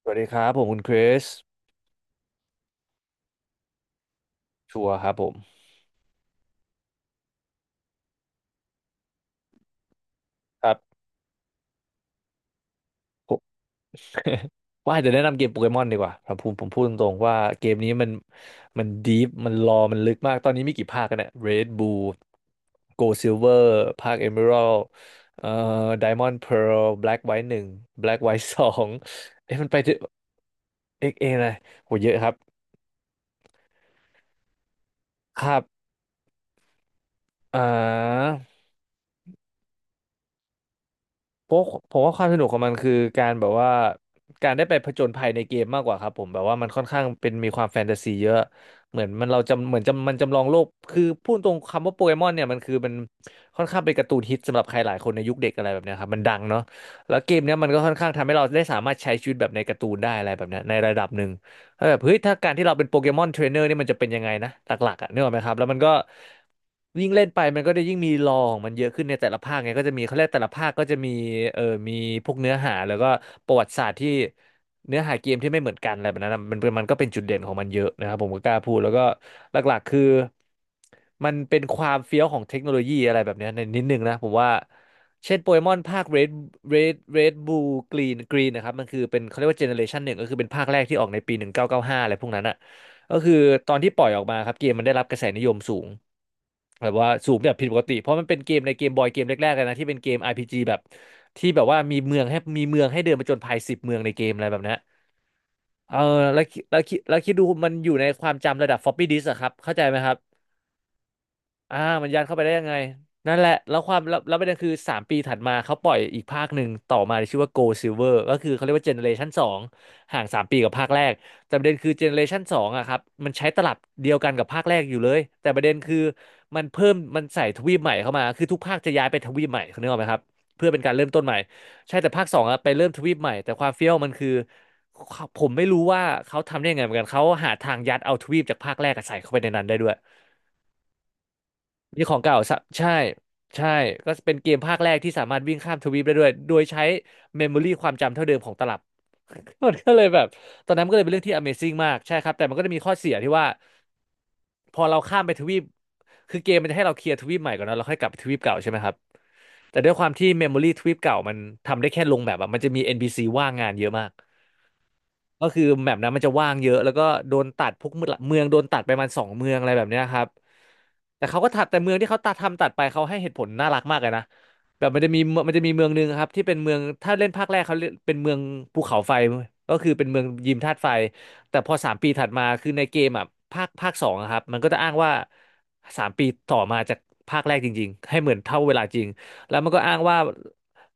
สวัสดีครับผมคุณคริสชัวร์ครับผม ว่าจะแนะนำเกมโปเกมอนดีกว่าครับผมพูดตรงๆว่าเกมนี้มันดีฟมันรอมันลึกมากตอนนี้มีกี่ภาคกันเนี่ย Red Blue Gold Silver ภาค Emerald เอ่อ Diamond Pearl Black White หนึ่ง Black White สองเอ๊ะมันไปถึงเอ็กซ์เอนะเลโหเยอะครับครับอ่า เพราะผมว่าความสนุกของมันคือการแบบว่าการได้ไปผจญภัยในเกมมากกว่าครับผมแบบว่ามันค่อนข้างเป็นมีความแฟนตาซีเยอะเหมือนมันเราจำเหมือนจำมันจำลองโลกคือพูดตรงคำว่าโปเกมอนเนี่ยมันค่อนข้างเป็นการ์ตูนฮิตสำหรับใครหลายคนในยุคเด็กอะไรแบบเนี้ยครับมันดังเนาะแล้วเกมเนี้ยมันก็ค่อนข้างทำให้เราได้สามารถใช้ชีวิตแบบในการ์ตูนได้อะไรแบบเนี้ยในระดับหนึ่ง เออแบบเฮ้ยถ้าการที่เราเป็นโปเกมอนเทรนเนอร์นี่มันจะเป็นยังไงนะหลักๆอ่ะนึกออกไหมครับแล้วมันก็ยิ่งเล่นไปมันก็ได้ยิ่งมีลอของมันเยอะขึ้นในแต่ละภาคไงก็จะมีเขาเรียกแต่ละภาคก็จะมีเออมีพวกเนื้อหาแล้วก็ประวัติศาสตร์ที่เนื้อหาเกมที่ไม่เหมือนกันอะไรแบบนั้นนะมันก็เป็นจุดเด่นของมันเยอะนะครับผมก็กล้าพูดแล้วก็หลักๆคือ มันเป็นความเฟี้ยวของเทคโนโลยีอะไรแบบเนี้ยในนิดนึงนะผมว่าเช่นโปเกมอนภาค Red Blue Green นะครับมันคือเป็นเขาเรียกว่าเจเนอเรชันหนึ่งก็คือเป็นภาคแรกที่ออกในปี1995อยเก้าสิบห้าอะไรพวกนั้นอ่ะก็คือตอนที่ปล่อยออกมาครับเกมมันได้รับกระแสนิยมสูงแบบว่าสูงแบบผิดปกติเพราะมันเป็นเกมในเกมบอยเกมแรกๆเลยนะที่เป็นเกม RPG แบบที่แบบว่ามีเมืองให้เดินไปจนภาย10 เมืองในเกมอะไรแบบเนี้ยเออแล้วคิดดูมันอยู่ในความจำระดับ floppy disk อะครับเข้าใจไหมครับ อ่ามันยัดเข้าไปได้ยังไงนั่นแหละแล้วความแล้วแล้วประเด็นคือสามปีถัดมาเขาปล่อยอีกภาคหนึ่งต่อมาที่ชื่อว่า Gold Silver ก็คือเขาเรียกว่าเจเนเรชันสองห่างสามปีกับภาคแรกแต่ประเด็นคือเจเนเรชันสองอะครับมันใช้ตลับเดียวกันกับภาคแรกอยู่เลยแต่ประเด็นคือมันเพิ่มมันใส่ทวีปใหม่เข้ามาคือทุกภาคจะย้ายไปทวีปใหม่เขานึกออกไหมครับเพื่อเป็นการเริ่มต้นใหม่ใช่แต่ภาคสองอะไปเริ่มทวีปใหม่แต่ความเฟี้ยวมันคือผมไม่รู้ว่าเขาทำได้ยังไงเหมือนกันเขาหาทางยัดเอาทวีปจากภาคแรกอะใส่เข้าไปในนั้นได้ด้วย มีของเก่าสะใช่ใช่ก็เป็นเกมภาคแรกที่สามารถวิ่งข้ามทวีปได้ด้วยโดยใช้เมมโมรี่ความจำเท่าเดิมของตลับ มันก็เลยแบบตอนนั้นมันก็เลยเป็นเรื่องที่ Amazing มากใช่ครับแต่มันก็จะมีข้อเสียที่ว่าพอเราข้ามไปทวีปคือเกมมันจะให้เราเคลียร์ทวีปใหม่ก่อนนะเราค่อยกลับไปทวีปเก่าใช่ไหมครับ แต่ด้วยความที่ Memory ทว i ปเก่ามันทำได้แค่ลงแบบอะมันจะมี NPC ว่างงานเยอะมากก็คือแมปนั้นมันจะว่างเยอะแล้วก็โดนตัดพวกเมืองโดนตัดไปประมัน2 เมืองอะไรแบบเนี้ยครับแต่เขาก็ตัดแต่เมืองที่เขาตัดทำตัดไปเขาให้เหตุผลน่ารักมากเลยนะแบบมันจะมีเมืองหนึ่งครับที่เป็นเมืองถ้าเล่นภาคแรกเขาเรียกเป็นเมืองภูเขาไฟก็คือเป็นเมืองยิมธาตุไฟแต่พอสามปีถัดมาคือในเกมอ่ะภาคสองอะครับมันก็จะอ้างว่าสามปีต่อมาจากภาคแรกจริงๆให้เหมือนเท่าเวลาจริง แล้ว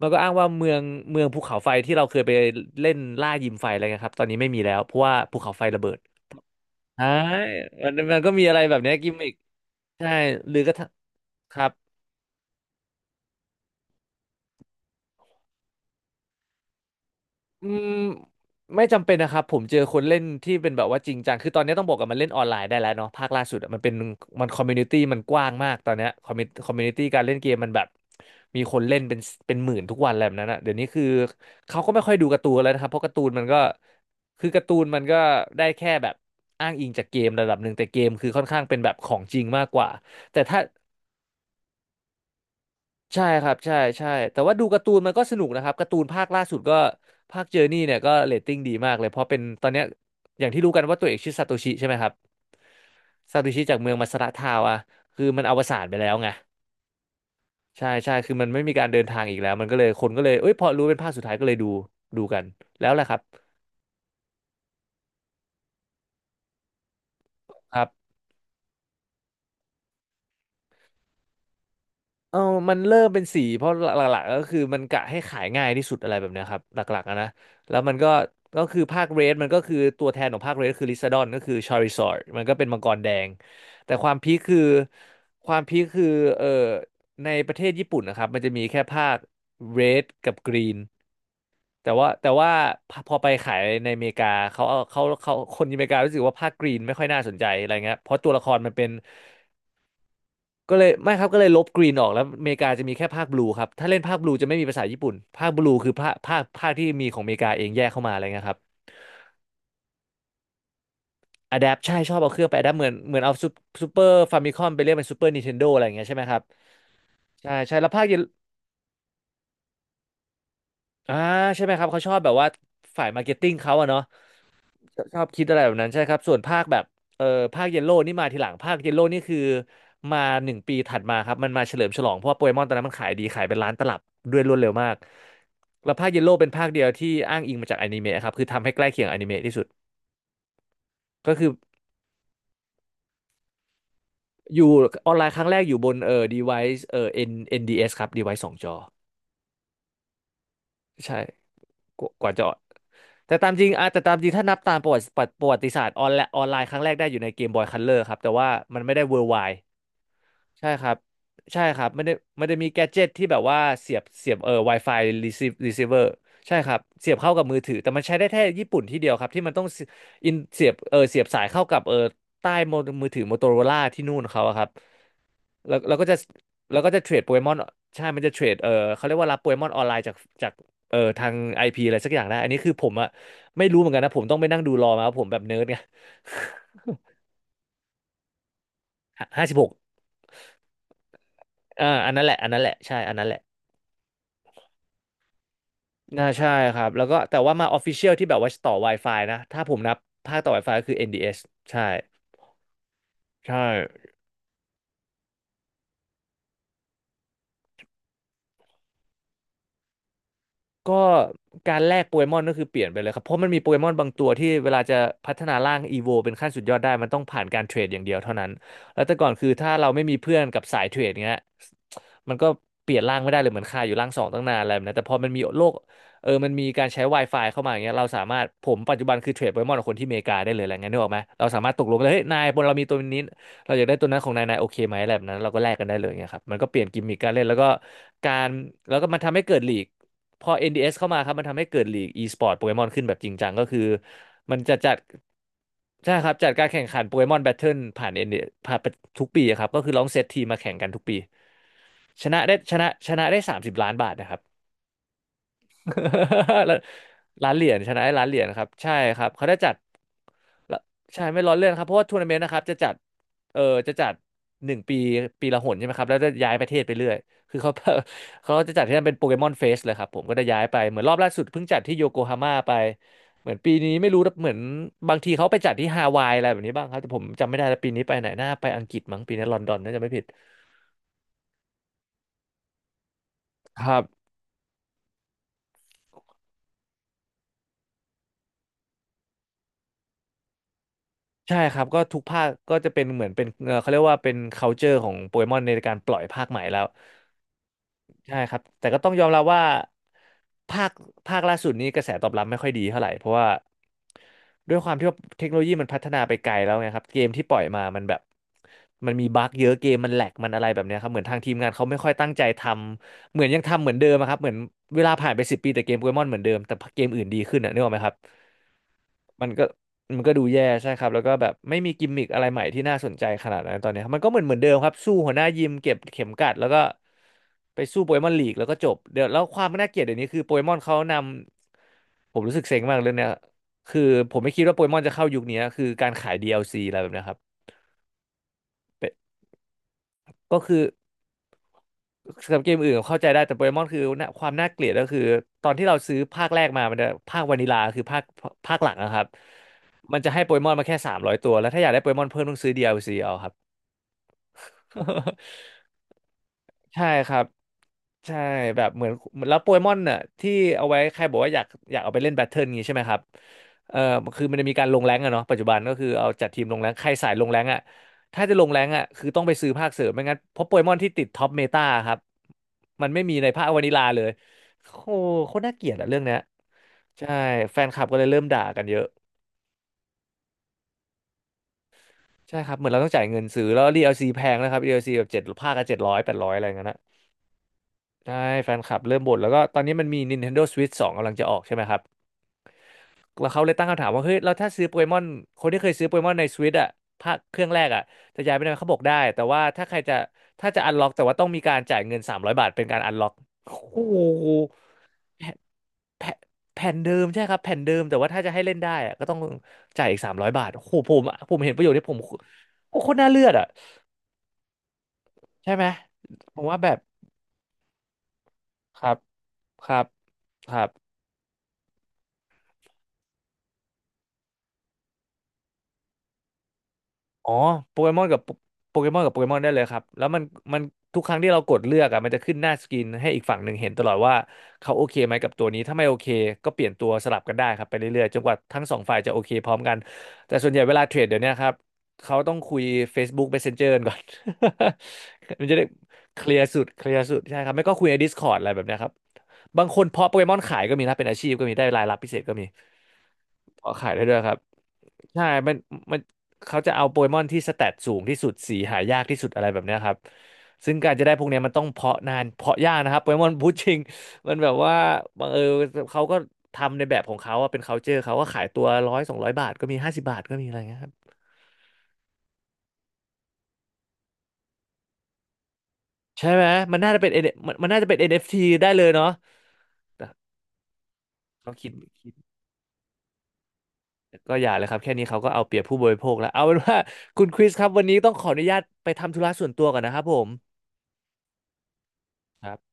มันก็อ้างว่าเมืองภูเขาไฟที่เราเคยไปเล่นล่ายิมไฟอะไรเงี้ยครับตอนนี้ไม่มีแล้วเพราะว่าภูเขาไฟระเบิดใช่มันก็มีอะไรแบบเนี้ยกิมมิกใช่หรือกระทั่งครับ อืมไม่จำเป็นนะครับผมเจอคนเล่นที่เป็นแบบว่าจริงจังคือตอนนี้ต้องบอกกันมันเล่นออนไลน์ได้แล้วเนาะภาคล่าสุดอะมันเป็นคอมมูนิตี้มันกว้างมากตอนเนี้ยคอมมูนิตี้การเล่นเกมมันแบบมีคนเล่นเป็นเป็นหมื่นทุกวันอะไรแบบนั้นอะเดี๋ยวนี้คือเขาก็ไม่ค่อยดูการ์ตูนแล้วนะครับเพราะการ์ตูนมันก็คือการ์ตูนมันก็ได้แค่แบบอ้างอิงจากเกมระดับหนึ่งแต่เกมคือค่อนข้างเป็นแบบของจริงมากกว่าแต่ถ้า ใช่ครับใช่ใช่แต่ว่าดูการ์ตูนมันก็สนุกนะครับการ์ตูนภาคล่าสุดก็ภาคเจอร์นี่เนี่ยก็เรตติ้งดีมากเลยเพราะเป็นตอนเนี้ยอย่างที่รู้กันว่าตัวเอกชื่อซาโตชิใช่ไหมครับซาโตชิจากเมืองมัสระทาวอะคือมันอวสานไปแล้วไงใช่ใช่คือมันไม่มีการเดินทางอีกแล้วมันก็เลยคนก็เลยเอ้ยพอรู้เป็นภาคสุดท้ายก็เลยดูดูกันแล้วแหละครับครับ เออมันเริ่มเป็นสีเพราะหลักๆก็คือมันกะให้ขายง่ายที่สุดอะไรแบบเนี้ยครับหลักๆอะนะแล้วมันก็ก็คือภาคเรดมันก็คือตัวแทนของภาคเรดคือลิซาดอนก็คือชาริซอร์ดมันก็เป็นมังกรแดงแต่ความพีคคือความพีคคือเออในประเทศญี่ปุ่นนะครับมันจะมีแค่ภาคเรดกับกรีนแต่ว่าพอไปขายในอเมริกาเขาเอาเขาคนอเมริการู้สึกว่าภาคกรีนไม่ค่อยน่าสนใจอะไรเงี้ยเพราะตัวละครมันเป็น ก็เลยไม่ครับก็เลยลบกรีนออกแล้วอเมริกาจะมีแค่ภาคบลูครับถ้าเล่นภาคบลูจะไม่มีภาษาญี่ปุ่นภาคบลูคือภาคที่มีของอเมริกาเองแยกเข้ามาอะไรเงี้ยครับอะแดปใช่ชอบเอาเครื่องไปอะแดปเหมือนเอาซูเปอร์ฟามิคอมไปเรียกเป็นซูเปอร์นินเทนโดอะไรอย่างเงี้ยใช่ไหมครับใช่ใช่แล้วภาคเยอ่าใช่ไหมครับเขาชอบแบบว่าฝ่ายมาร์เก็ตติ้งเขาอะเนาะ ชอบคิดอะไรแบบนั้นใช่ครับส่วนภาคแบบเออภาคเยลโล่นี่มาทีหลังภาคเยลโล่นี่คือมา1 ปีถัดมาครับมันมาเฉลิมฉลองเพราะว่าโปเกมอนตอนนั้นมันขายดีขายเป็นล้านตลับด้วยรวดเร็วมากแล้วภาคเยลโล่เป็นภาคเดียวที่อ้างอิงมาจากอนิเมะครับคือทำให้ใกล้เคียงอนิเมะที่สุดก็คืออยู่ออนไลน์ครั้งแรกอยู่บนdevice NDS ครับ device สองจอใช่กว่าจะออกแต่ตามจริงถ้านับตามประวัติประวัติศาสตร์ออนไลน์ครั้งแรกได้อยู่ในเกมบอยคัลเลอร์ครับแต่ว่ามันไม่ได้ worldwide ใช่ครับใช่ครับมันได้มันจะมีแกดเจ็ตที่แบบว่าเสียบWi-Fi receiver ใช่ครับเสียบเข้ากับมือถือแต่มันใช้ได้แค่ญี่ปุ่นที่เดียวครับที่มันต้องเสียเสียบเสียบสายเข้ากับใต้โมมือถือ Motorola ที่นู่นเขาอะครับแล้วแล้วก็จะแล้วก็จะเทรดโปเกมอนใช่มันจะเทรดเขาเรียกว่ารับโปเกมอนออนไลน์จากจากทาง IP อพีอะไรสักอย่างได้อันนี้คือผมอะไม่รู้เหมือนกันนะผมต้องไปนั่งดูรอมาว่าผมแบบเนิร์ดไง 56อันนั้นแหละใช่อันนั้นแหละ น่าใช่ครับแล้วก็แต่ว่ามา Official ที่แบบว่าต่อ Wi-Fi นะถ้าผมนับภาคต่อ Wi-Fi ก็คือ NDS ใช่ใช่ ก็การแลกโปเกมอนก็คือเปลี่ยนไปเลยครับเพราะมันมีโปเกมอนบางตัวที่เวลาจะพัฒนาร่างอีโวเป็นขั้นสุดยอดได้มันต้องผ่านการเทรดอย่างเดียวเท่านั้นแล้วแต่ก่อนคือถ้าเราไม่มีเพื่อนกับสายเทรดเงี้ยมันก็เปลี่ยนร่างไม่ได้เลยเหมือนคาอยู่ร่างสองตั้งนานอะไรแบบนั้นแต่พอมันมีโลกมันมีการใช้ Wi-Fi เข้ามาอย่างเงี้ยเราสามารถผมปัจจุบันคือเทรดโปเกมอนกับคนที่อเมริกาได้เลยอะไรเงี้ยนึกออกไหมเราสามารถตกลงกันเลยเฮ้ยนายบนเรามีตัวนี้เราอยากได้ตัวนั้นของนายนายโอเคไหมอะไรแบบนั้นเราก็แลกกันได้เลยเงี้ยครับมันก็เปลี่ยนกิมมิคการเล่นแล้วก็การแล้วก็มันทำให้เกิดลีก พอ NDS เอสเข้ามาครับมันทำให้เกิดลีก e-sport โปเกมอนขึ้นแบบจริงจังก็คือมันจะจัดใช่ครับจัดการแข่งขันโปเกมอนแบทเทิลผ่าน NDS ผ่านทุกปีอะครับก็คือลองเซตทีมมาแข่งกันทุกปีชนะได้ชนะได้30ล้านบาทนะครับ ร้านเหรียญชนะไอ้ร้านเหรียญครับใช่ครับเขาได้จัดใช่ไม่ล้อเล่นครับเพราะว่าทัวร์นาเมนต์นะครับจะจัดเออจะจัดหนึ่งปีปีละหนใช่ไหมครับแล้วจะย้ายประเทศไปเรื่อยคือเขา เขาจะจัดที่นั่นเป็นโปเกมอนเฟสเลยครับผมก็จะ้ย้ายไปเหมือนรอบล่าสุดเพิ่งจัดที่โยโกฮาม่าไปเหมือนปีนี้ไม่รู้เหมือนบางทีเขาไปจัดที่ฮาวายอะไรแบบนี้บ้างครับแต่ผมจำไม่ได้แล้วปีนี้ไปไหนน่าไปอังกฤษมั้งปีนี้ลอนดอนน่าจะไม่ผิดครับ ใช่ครับก็ทุกภาคก็จะเป็นเหมือนเป็นเขาเรียกว่าเป็น culture ของโปเกมอนในการปล่อยภาคใหม่แล้วใช่ครับแต่ก็ต้องยอมรับว่าภาคล่าสุดนี้กระแสตอบรับไม่ค่อยดีเท่าไหร่เพราะว่าด้วยความที่ว่าเทคโนโลยีมันพัฒนาไปไกลแล้วไงครับเกมที่ปล่อยมามันแบบมันมีบั๊กเยอะเกมมันแหลกมันอะไรแบบเนี้ยครับเหมือนทางทีมงานเขาไม่ค่อยตั้งใจทำเหมือนยังทำเหมือนเดิมอะครับเหมือนเวลาผ่านไปสิบปีแต่เกมโปเกมอนเหมือนเดิมแต่เกมอื่นดีขึ้นอะนึกออกไหมครับ มันก็มันก็ดูแย่ใช่ครับแล้วก็แบบไม่มีกิมมิคอะไรใหม่ที่น่าสนใจขนาดนั้นตอนนี้ครับมันก็เหมือนเดิมครับสู้หัวหน้ายิมเก็บเข็มกัดแล้วก็ไปสู้โปเกมอนลีกแล้วก็จบเดี๋ยวแล้วความน่าเกลียดเดี๋ยวนี้คือโปเกมอนเขานำผมรู้สึกเซ็งมากเรื่องเนี้ยคือผมไม่คิดว่าโปเกมอนจะเข้ายุคนี้คือการขาย DLC อลซีอะไรแบบเนี้ยครับ ก็คือสำหรับเกมอื่นเข้าใจได้แต่โปเกมอนคือน่ะความน่าเกลียดก็คือตอนที่เราซื้อภาคแรกมามันจะภาควานิลาคือภาคหลังนะครับมันจะให้โปเกมอนมาแค่สามร้อยตัวแล้วถ้าอยากได้โปเกมอนเพิ่มต้องซื้อ DLC เอาครับ ใช่ครับใช่แบบเหมือนแล้วโปเกมอนน่ะที่เอาไว้ใครบอกว่าอยากเอาไปเล่นแบทเทิลงี้ใช่ไหมครับเอ่อคือมันจะมีการลงแรงก์อะเนาะปัจจุบันก็คือเอาจัดทีมลงแรงก์ใครสายลงแรงก์อะถ้าจะลงแรงก์อะคือต้องไปซื้อภาคเสริมไม่งั้นเพราะโปเกมอนที่ติดท็อปเมตาครับมันไม่มีในภาควานิลาเลยโอ้โหโคตรน่าเกลียดอะเรื่องเนี้ยใช่แฟนคลับก็เลยเริ่มด่ากันเยอะใช่ครับเหมือนเราต้องจ่ายเงินซื้อแล้ว d ซีแพงนะครับ d ซีแบบเจ็ดภาคก็เจ็ดร้อยแปดร้อยอะไรเงี้ย ใช่แฟนคลับเริ่มบ่นแล้วก็ตอนนี้มันมี Nintendo Switch 2กำลังจะออกใช่ไหมครับแล้วเขาเลยตั้งคำถามว่าเฮ้ยเราถ้าซื้อโปเกมอนคนที่เคยซื้อโปเกมอนใน Switch อ่ะภาคเครื่องแรกอ่ะจะย้ายไปได้ไหมเขาบอกได้แต่ว่าถ้าใครจะถ้าจะอันล็อกแต่ว่าต้องมีการจ่ายเงิน300บาทเป็นการอันล็อกโอ้โหแผ่นแผ่นแผ่นเดิมใช่ครับแผ่นเดิมแต่ว่าถ้าจะให้เล่นได้อะก็ต้องจ่ายอีกสามร้อยบาทโอ้โหผมเห็นประโยชน์ที่ผมโอ้โคตรน่าเลือดอ่ะใช่ไหมผมว่าแบบครับครับครับ อ๋อโปเกมอนกับโปเกมอนได้เลยครับแล้วมันทุกครั้งที่เรากดเลือกอ่ะมันจะขึ้นหน้าสกรีนให้อีกฝั่งหนึ่งเห็นตลอดว่าเขาโอเคไหมกับตัวนี้ถ้าไม่โอเคก็เปลี่ยนตัวสลับกันได้ครับไปเรื่อยๆจนกว่าทั้งสองฝ่ายจะโอเคพร้อมกันแต่ส่วนใหญ่เวลาเทรดเดี๋ยวเนี้ยครับเขาต้องคุย Facebook Messenger กันก่อน มันจะได้เคลียร์สุดใช่ครับไม่ก็คุยใน Discord อะไรแบบเนี้ยครับบางคนเพาะโปเกมอนขายก็มีนะเป็นอาชีพก็มีได้รายรับพิเศษก็มีเพาะขายได้ด้วยครับใช่มันมัน เขาจะเอาโปเกมอนที่สแตทสูงที่สุดสีหายากที่สุดอะไรแบบเนี้ยครับซึ่งการจะได้พวกเนี้ยมันต้องเพาะนานเพาะยากนะครับโปเกมอนพูดจริงมันแบบว่าบังเออเขาก็ทำในแบบของเขาอะเป็น culture เขาก็ขายตัวร้อยสองร้อยบาทก็มีห้าสิบบาทก็มีอะไรเงี้ยครับใช่ไหมมันน่าจะเป็น N- มันน่าจะเป็น NFT ได้เลยเนาะแต่ก็คิดก็อย่าเลยครับแค่นี้เขาก็เอาเปรียบผู้บริโภคแล้วเอาเป็นว่าคุณคริสครับวันนี้ต้องขออนุญาตไปทำธุระส่วนตัวก่อนนะครับผมครับ